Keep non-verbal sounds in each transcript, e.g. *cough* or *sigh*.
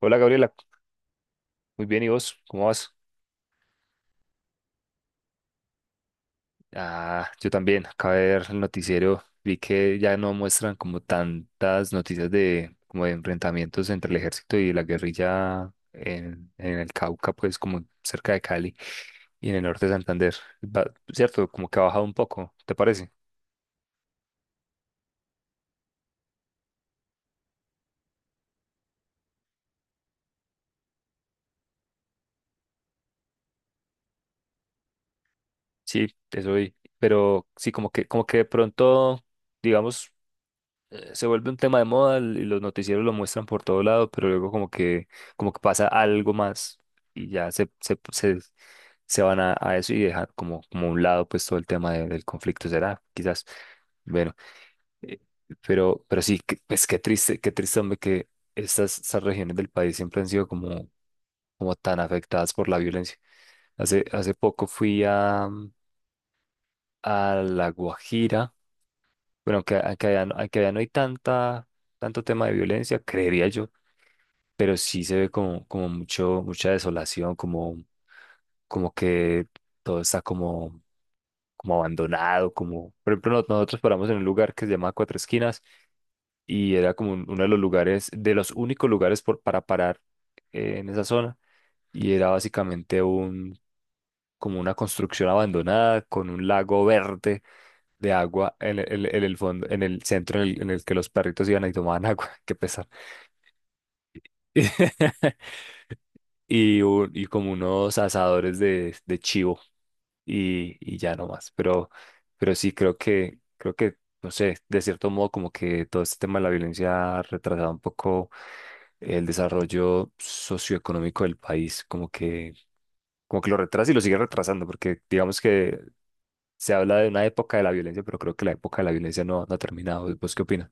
Hola Gabriela, muy bien, ¿y vos? ¿Cómo vas? Ah, yo también, acabé de ver el noticiero, vi que ya no muestran como tantas noticias de como de enfrentamientos entre el ejército y la guerrilla en el Cauca, pues como cerca de Cali y en el norte de Santander. Cierto, como que ha bajado un poco, ¿te parece? Sí, eso vi, pero sí, como que, de pronto, digamos, se vuelve un tema de moda y los noticieros lo muestran por todo lado, pero luego como que, pasa algo más y ya se van a eso y dejan como a un lado pues todo el tema del conflicto, será, quizás. Bueno, eh, pero sí, pues qué triste, hombre, que estas regiones del país siempre han sido como tan afectadas por la violencia. Hace poco fui a La Guajira. Bueno, que, que allá, que allá no hay tanto tema de violencia, creería yo, pero sí se ve como mucha desolación, como que todo está como abandonado, como, por ejemplo, nosotros paramos en un lugar que se llama Cuatro Esquinas y era como uno de los únicos lugares para parar, en esa zona, y era básicamente como una construcción abandonada con un lago verde de agua en el fondo, en el centro, en el que los perritos iban y tomaban agua, *laughs* qué pesar. *laughs* Y como unos asadores de chivo y ya no más. Pero sí creo que, no sé, de cierto modo como que todo este tema de la violencia ha retrasado un poco el desarrollo socioeconómico del país, como que lo retrasa y lo sigue retrasando, porque digamos que se habla de una época de la violencia, pero creo que la época de la violencia no, no ha terminado. ¿Vos qué opinas?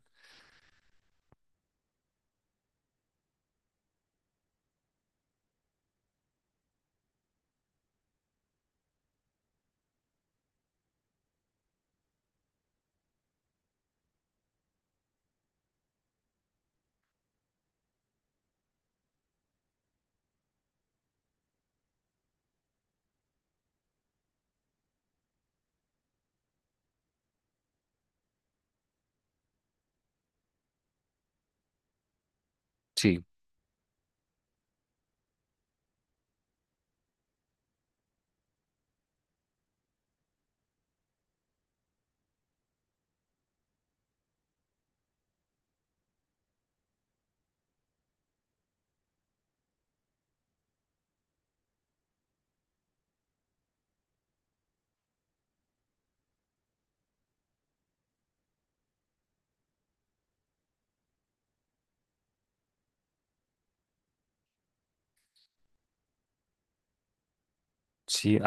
Sí, sí.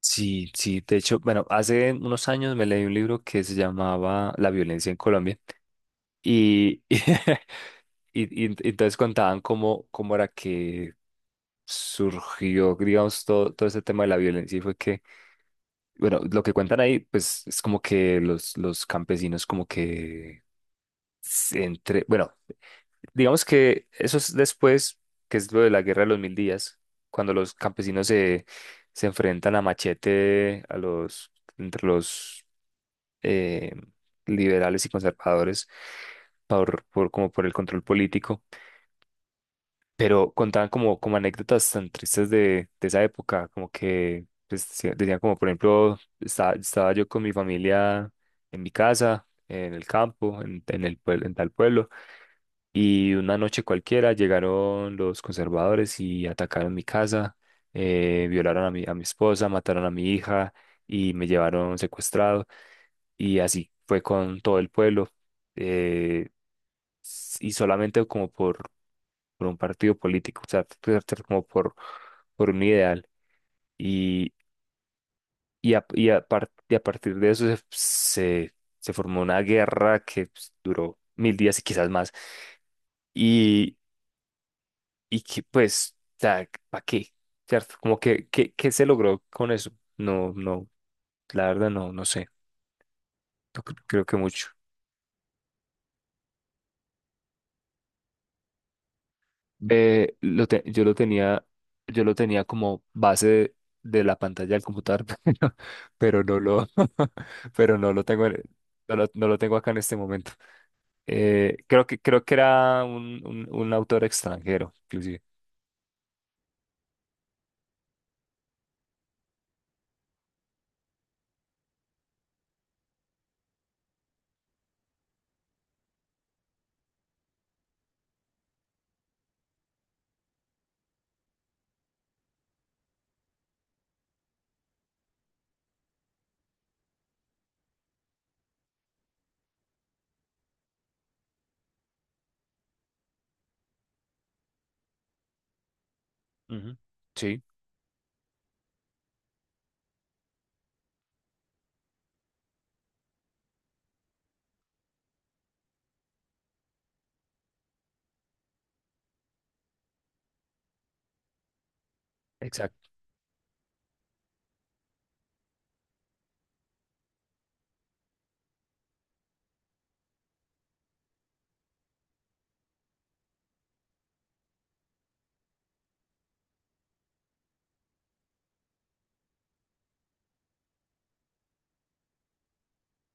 Sí, sí, de hecho, bueno, hace unos años me leí un libro que se llamaba La violencia en Colombia y, *laughs* y, y entonces contaban cómo era que surgió, digamos, todo ese tema de la violencia y fue que, bueno, lo que cuentan ahí, pues es como que los campesinos como que bueno, digamos que eso es después, que es lo de la Guerra de los Mil Días, cuando los campesinos se enfrentan a machete a los, entre los, eh, liberales y conservadores por, como por el control político, pero contaban como anécdotas tan tristes de esa época, como que pues, decían como, por ejemplo, estaba yo con mi familia en mi casa, en el campo, en tal pueblo, y una noche cualquiera llegaron los conservadores y atacaron mi casa, violaron a mi esposa, mataron a mi hija y me llevaron secuestrado. Y así fue con todo el pueblo. eh, y solamente como por, un partido político, o sea, como por un ideal. Y, y a partir de eso se formó una guerra que pues, duró mil días y quizás más. Y, y que pues, ¿para qué? ¿Cierto? Como que, ¿qué se logró con eso? No, no, la verdad no, no sé. No creo que mucho. Eh, lo te- yo lo tenía, yo lo tenía como base de la pantalla del computador, *laughs* pero *laughs* pero no lo tengo, no lo tengo acá en este momento. Creo que era un autor extranjero, inclusive. Ujú. Sí, exacto.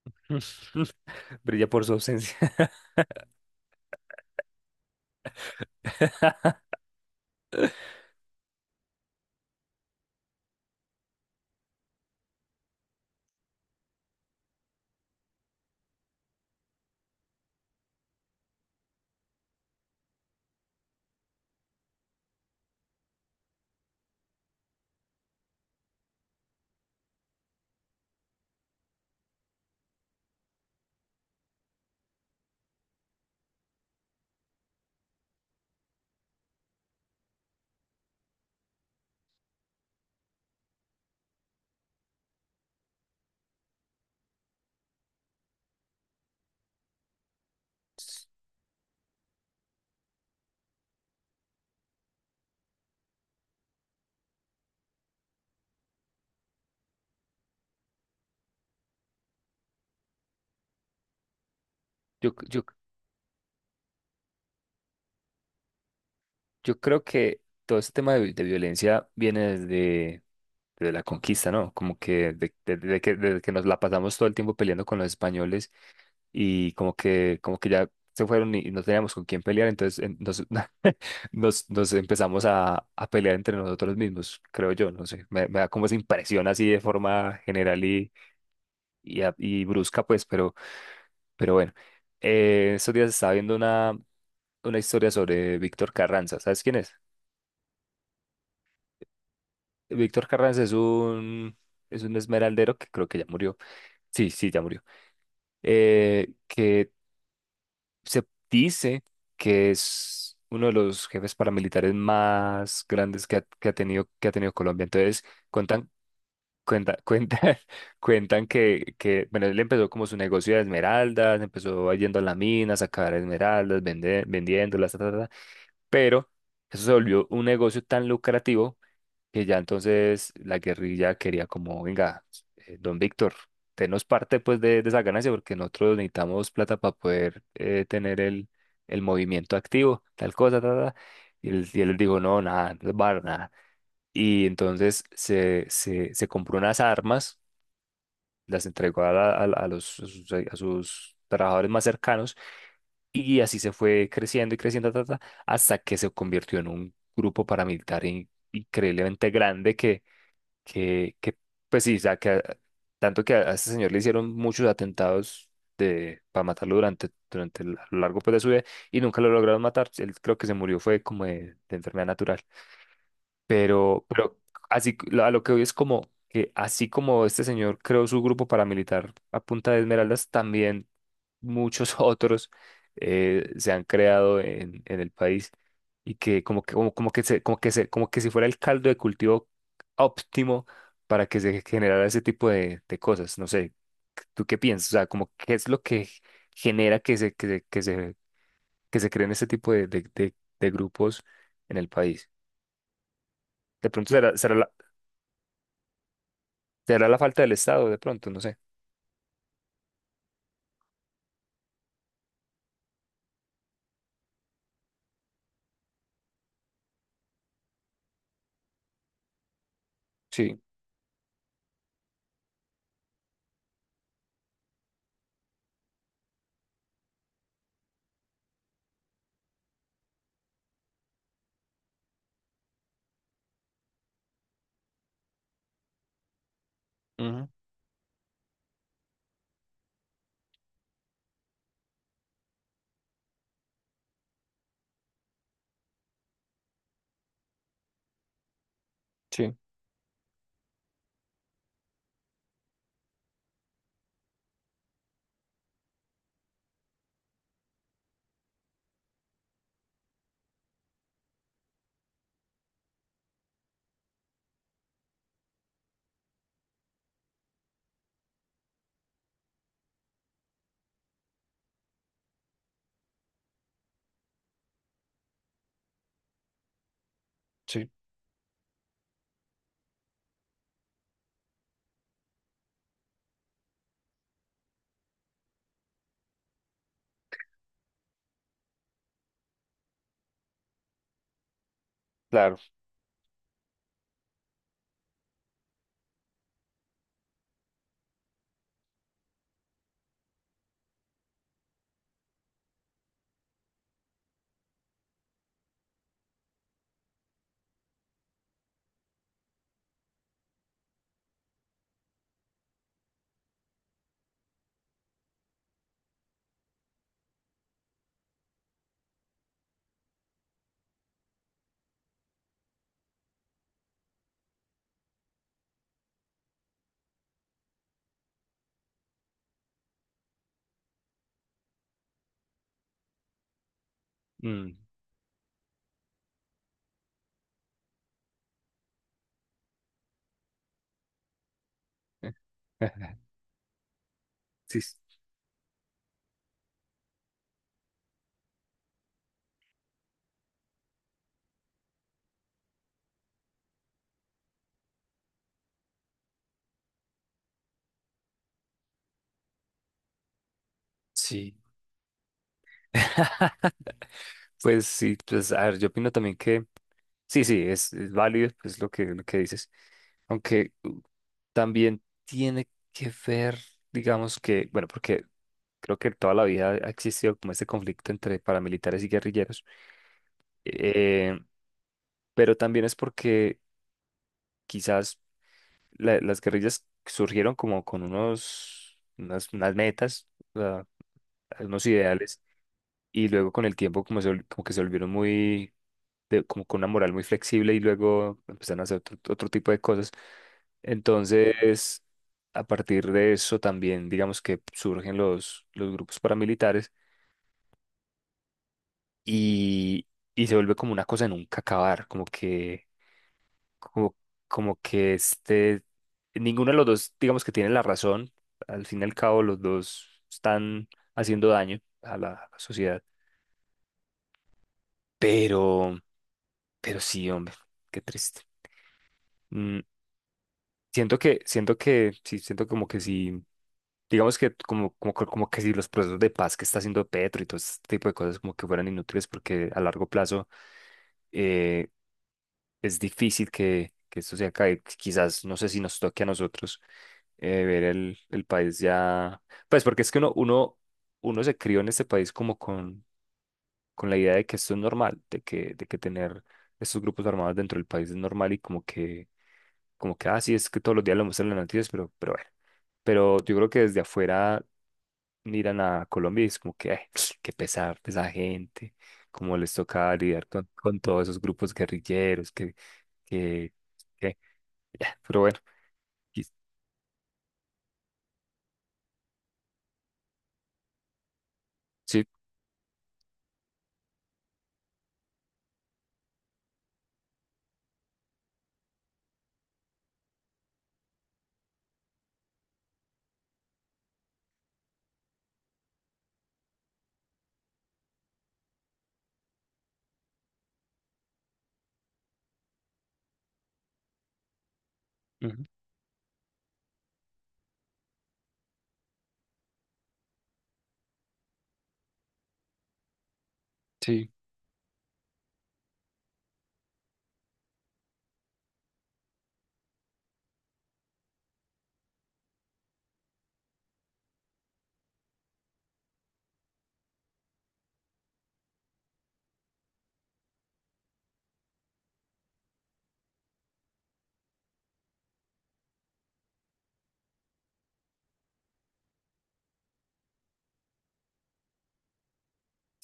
*laughs* Brilla por su ausencia. *laughs* Yo, yo, yo creo que todo este tema de violencia viene desde de, la conquista, ¿no? Como que de que desde que nos la pasamos todo el tiempo peleando con los españoles y como que ya se fueron y no teníamos con quién pelear, entonces *laughs* nos empezamos a pelear entre nosotros mismos, creo yo, no sé, me da como esa impresión así de forma general y brusca, pues, pero bueno, estos días estaba viendo una historia sobre Víctor Carranza, ¿sabes quién es? Víctor Carranza es un esmeraldero que creo que ya murió. Sí, sí, ya murió, que se dice que es uno de los jefes paramilitares más grandes que ha tenido Colombia. Entonces, cuentan cuenta, *laughs* cuentan, cuentan que, bueno, él empezó como su negocio de esmeraldas, empezó yendo a la mina, a sacar esmeraldas, vendiéndolas, ta, ta, ta, pero eso se volvió un negocio tan lucrativo que ya entonces la guerrilla quería como, venga, don Víctor, tenos parte pues de esa ganancia porque nosotros necesitamos plata para poder, tener el movimiento activo, tal cosa, tal, tal. Y él les dijo, no, nada, no les va a dar nada. Y entonces se compró unas armas, las entregó a, a los, a sus, trabajadores más cercanos y así se fue creciendo y creciendo, ta, ta, ta, hasta que se convirtió en un grupo paramilitar increíblemente grande que que pues sí, o sea, tanto que a este señor le hicieron muchos atentados de, para matarlo a lo largo pues, de su vida y nunca lo lograron matar. Él creo que se murió fue como de enfermedad natural. Pero a lo que hoy es como que así como este señor creó su grupo paramilitar a punta de esmeraldas, también muchos *laughs* otros, se han creado en el país y que como que si fuera el caldo de cultivo óptimo para que se generara ese tipo de cosas. No sé, ¿tú qué piensas? O sea, como qué es lo que genera que se creen este tipo de grupos en el país. De pronto será la falta del Estado, de pronto, no sé. Sí, ujú, sí, sí, claro. Mm. *laughs* Sí. Sí. *laughs* Pues sí, pues a ver, yo opino también que sí, sí, es, válido, pues lo que dices, aunque también tiene que ver, digamos que, bueno, porque creo que toda la vida ha existido como este conflicto entre paramilitares y guerrilleros, eh, pero también es porque quizás las guerrillas surgieron como con unas metas, o sea, unos ideales, y luego con el tiempo como, como que se volvieron muy como con una moral muy flexible y luego empezaron a hacer otro, tipo de cosas. Entonces, a partir de eso también, digamos que surgen los grupos paramilitares y, y se vuelve como una cosa de nunca acabar, como que, como, como que este, ninguno de los dos, digamos que tiene la razón, al fin y al cabo los dos están haciendo daño a la sociedad, pero, pero sí, hombre, qué triste. Mm. Siento que, sí, siento como que sí, digamos que como que si los procesos de paz que está haciendo Petro y todo este tipo de cosas como que fueran inútiles porque a largo plazo, eh, es difícil que esto se acabe. Quizás, no sé si nos toque a nosotros, ver el país ya, pues porque es que uno se crió en este país como con la idea de que esto es normal, de que tener estos grupos armados dentro del país es normal y ah, sí, es que todos los días lo muestran en las noticias, pero bueno. Pero yo creo que desde afuera miran a Colombia y es como que, ay, *sniffs* qué pesar de esa gente, cómo les toca lidiar con todos esos grupos guerrilleros, que, que, ya, pero bueno, y sí, ujú, sí,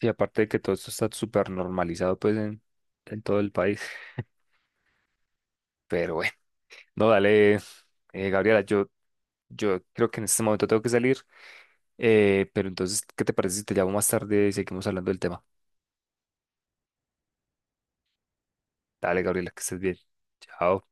y aparte de que todo esto está súper normalizado, pues, en todo el país, *laughs* pero bueno, no, dale, Gabriela, yo creo que en este momento tengo que salir. Pero entonces, ¿qué te parece si te llamo más tarde y seguimos hablando del tema? Dale, Gabriela, que estés bien. Chao.